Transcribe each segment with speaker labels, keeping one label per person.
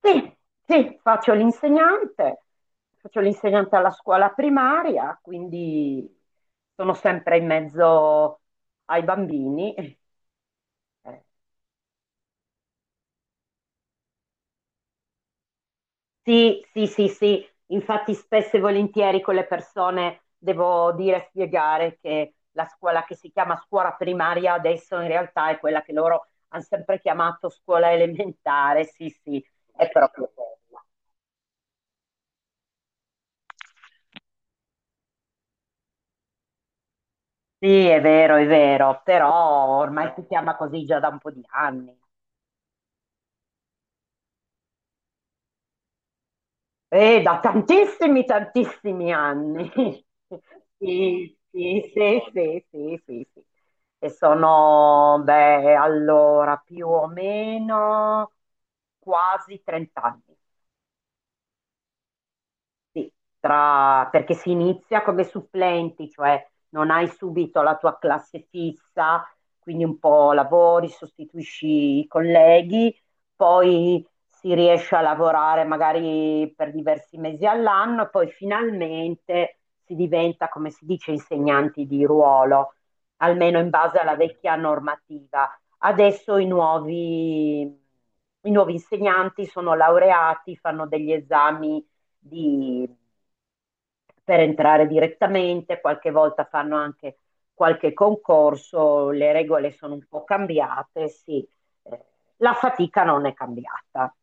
Speaker 1: Sì, sì, faccio l'insegnante alla scuola primaria, quindi sono sempre in mezzo ai bambini. Sì, sì, sì, sì, infatti spesso e volentieri con le persone devo dire, spiegare che la scuola che si chiama scuola primaria adesso in realtà è quella che loro hanno sempre chiamato scuola elementare, sì, sì, è proprio quella. Sì, è vero, però ormai si chiama così già da un po' di anni. Da tantissimi, tantissimi anni. Sì, sì, sì, sì, sì, sì, sì. E sono, beh, allora, più o meno quasi 30 anni. Sì, perché si inizia come supplenti, cioè non hai subito la tua classe fissa, quindi un po' lavori, sostituisci i colleghi, poi si riesce a lavorare magari per diversi mesi all'anno e poi finalmente si diventa, come si dice, insegnanti di ruolo, almeno in base alla vecchia normativa. Adesso i nuovi insegnanti sono laureati, fanno degli esami di- per entrare direttamente, qualche volta fanno anche qualche concorso, le regole sono un po' cambiate, sì, eh, la fatica non è cambiata.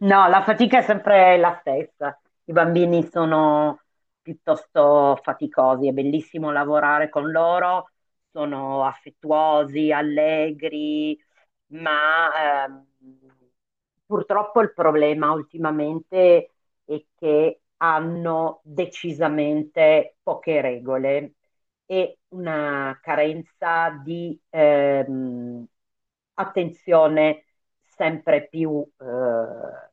Speaker 1: No, la fatica è sempre la stessa. I bambini sono piuttosto faticosi, è bellissimo lavorare con loro, sono affettuosi, allegri, ma ehm, purtroppo il problema ultimamente è che hanno decisamente poche regole e una carenza di attenzione sempre più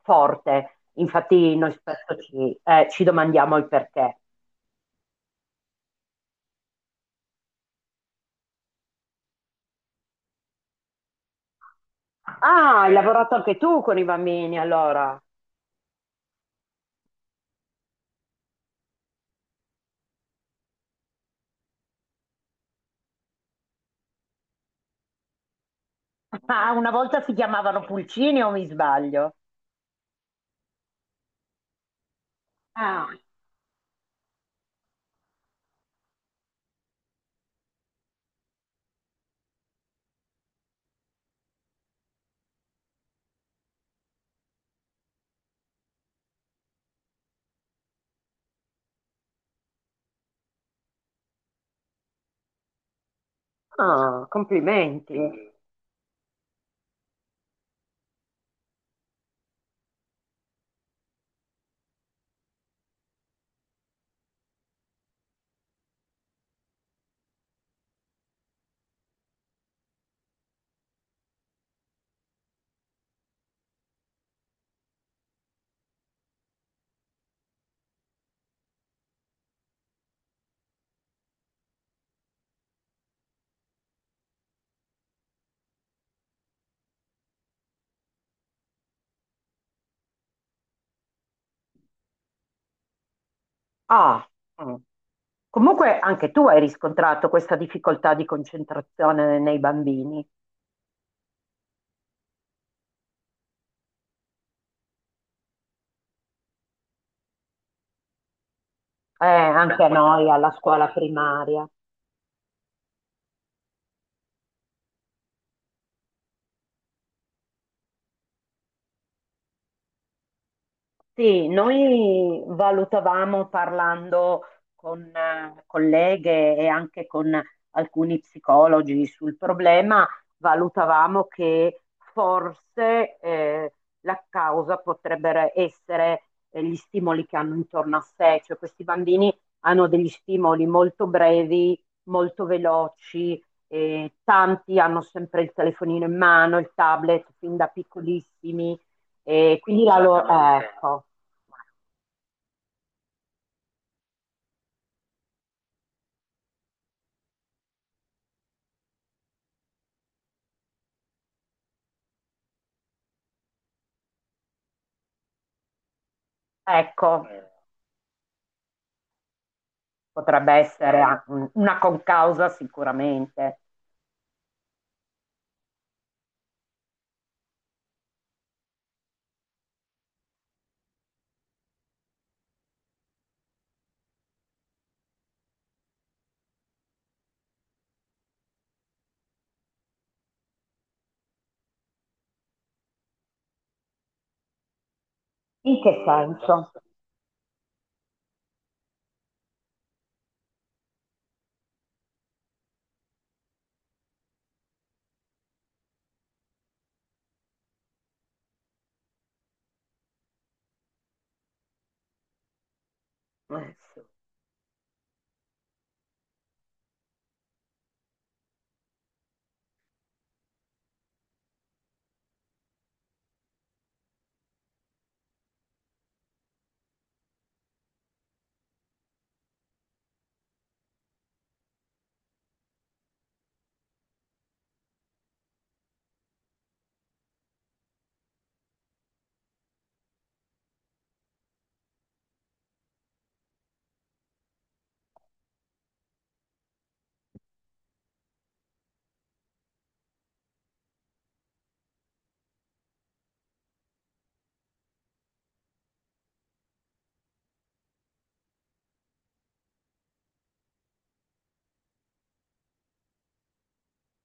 Speaker 1: forte. Infatti noi spesso ci domandiamo il perché. Ah, hai lavorato anche tu con i bambini allora? Ah, una volta si chiamavano pulcini o mi sbaglio? Ah, ah, complimenti. Ah, mm. Comunque anche tu hai riscontrato questa difficoltà di concentrazione nei bambini. Anche a noi alla scuola primaria. Sì, noi valutavamo parlando con colleghe e anche con alcuni psicologi sul problema, valutavamo che forse la causa potrebbero essere gli stimoli che hanno intorno a sé, cioè questi bambini hanno degli stimoli molto brevi, molto veloci, tanti hanno sempre il telefonino in mano, il tablet fin da piccolissimi, e quindi la loro... ecco. Ecco, potrebbe essere una concausa sicuramente. In che senso? Sì.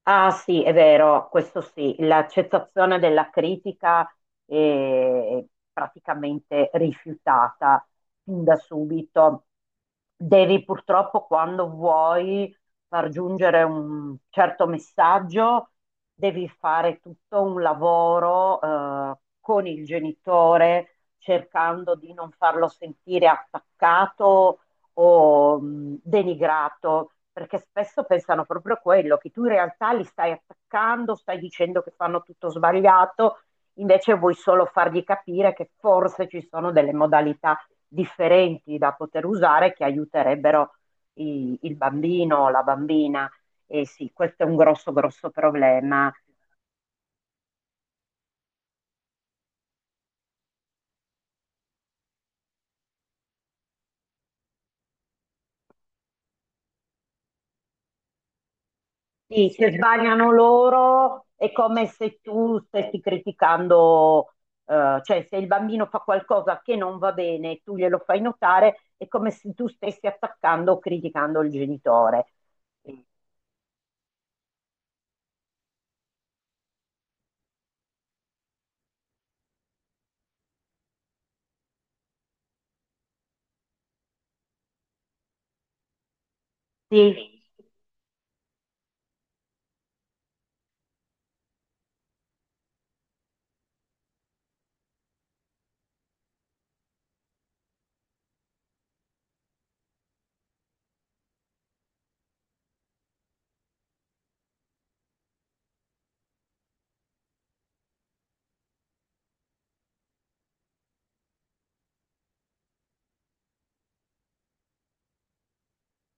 Speaker 1: Ah sì, è vero, questo sì, l'accettazione della critica è praticamente rifiutata fin da subito. Devi purtroppo, quando vuoi far giungere un certo messaggio, devi fare tutto un lavoro con il genitore, cercando di non farlo sentire attaccato o denigrato, perché spesso pensano proprio a quello, che tu in realtà li stai attaccando, stai dicendo che fanno tutto sbagliato, invece vuoi solo fargli capire che forse ci sono delle modalità differenti da poter usare che aiuterebbero il bambino o la bambina. E sì, questo è un grosso, grosso problema. Sì, se sbagliano loro è come se tu stessi criticando, cioè se il bambino fa qualcosa che non va bene, tu glielo fai notare, è come se tu stessi attaccando o criticando il genitore. Sì,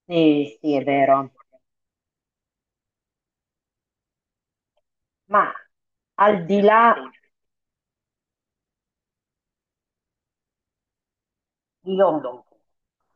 Speaker 1: sì, sì, è vero. Ma al di là. Io, no.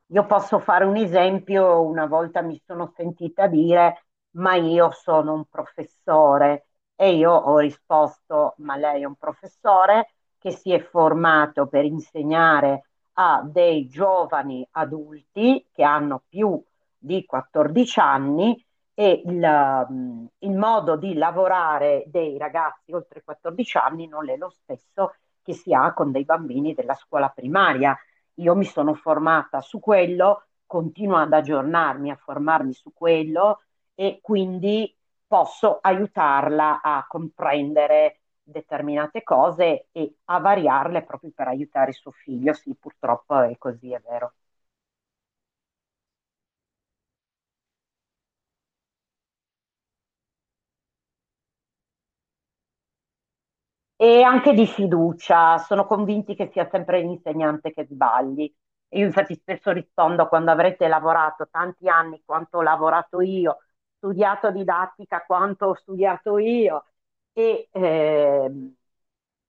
Speaker 1: Io posso fare un esempio, una volta mi sono sentita dire, ma io sono un professore, e io ho risposto, ma lei è un professore che si è formato per insegnare a dei giovani adulti che hanno più di 14 anni e il modo di lavorare dei ragazzi oltre 14 anni non è lo stesso che si ha con dei bambini della scuola primaria. Io mi sono formata su quello, continuo ad aggiornarmi, a formarmi su quello e quindi posso aiutarla a comprendere determinate cose e a variarle proprio per aiutare suo figlio. Sì, purtroppo è così, è vero. E anche di fiducia, sono convinti che sia sempre l'insegnante che sbagli. Io infatti spesso rispondo quando avrete lavorato tanti anni quanto ho lavorato io, studiato didattica quanto ho studiato io e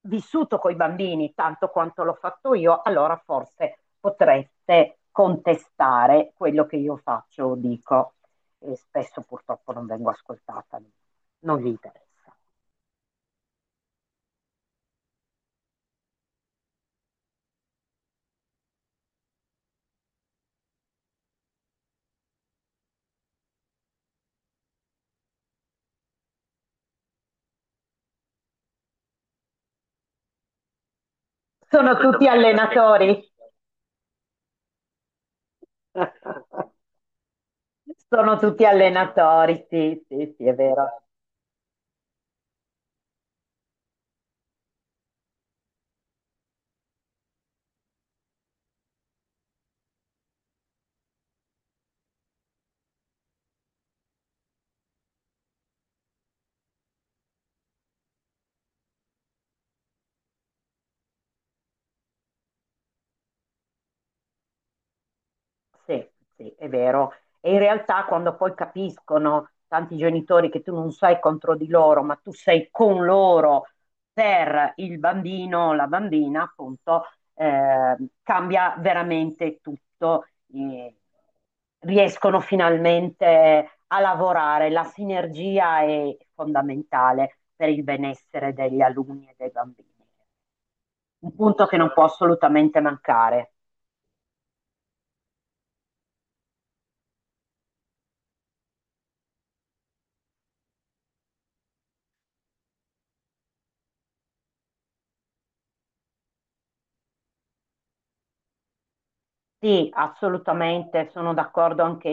Speaker 1: vissuto con i bambini tanto quanto l'ho fatto io, allora forse potreste contestare quello che io faccio o dico. E spesso purtroppo non vengo ascoltata, non vi interessa. Sono tutti allenatori. Sono tutti allenatori, sì, sì, sì, è vero. Sì, sì, è vero. E in realtà quando poi capiscono tanti genitori che tu non sei contro di loro, ma tu sei con loro per il bambino o la bambina, appunto, eh, cambia veramente tutto. Eh, riescono finalmente a lavorare. La sinergia è fondamentale per il benessere degli alunni e dei bambini. Un punto che non può assolutamente mancare. Sì, assolutamente, sono d'accordo anche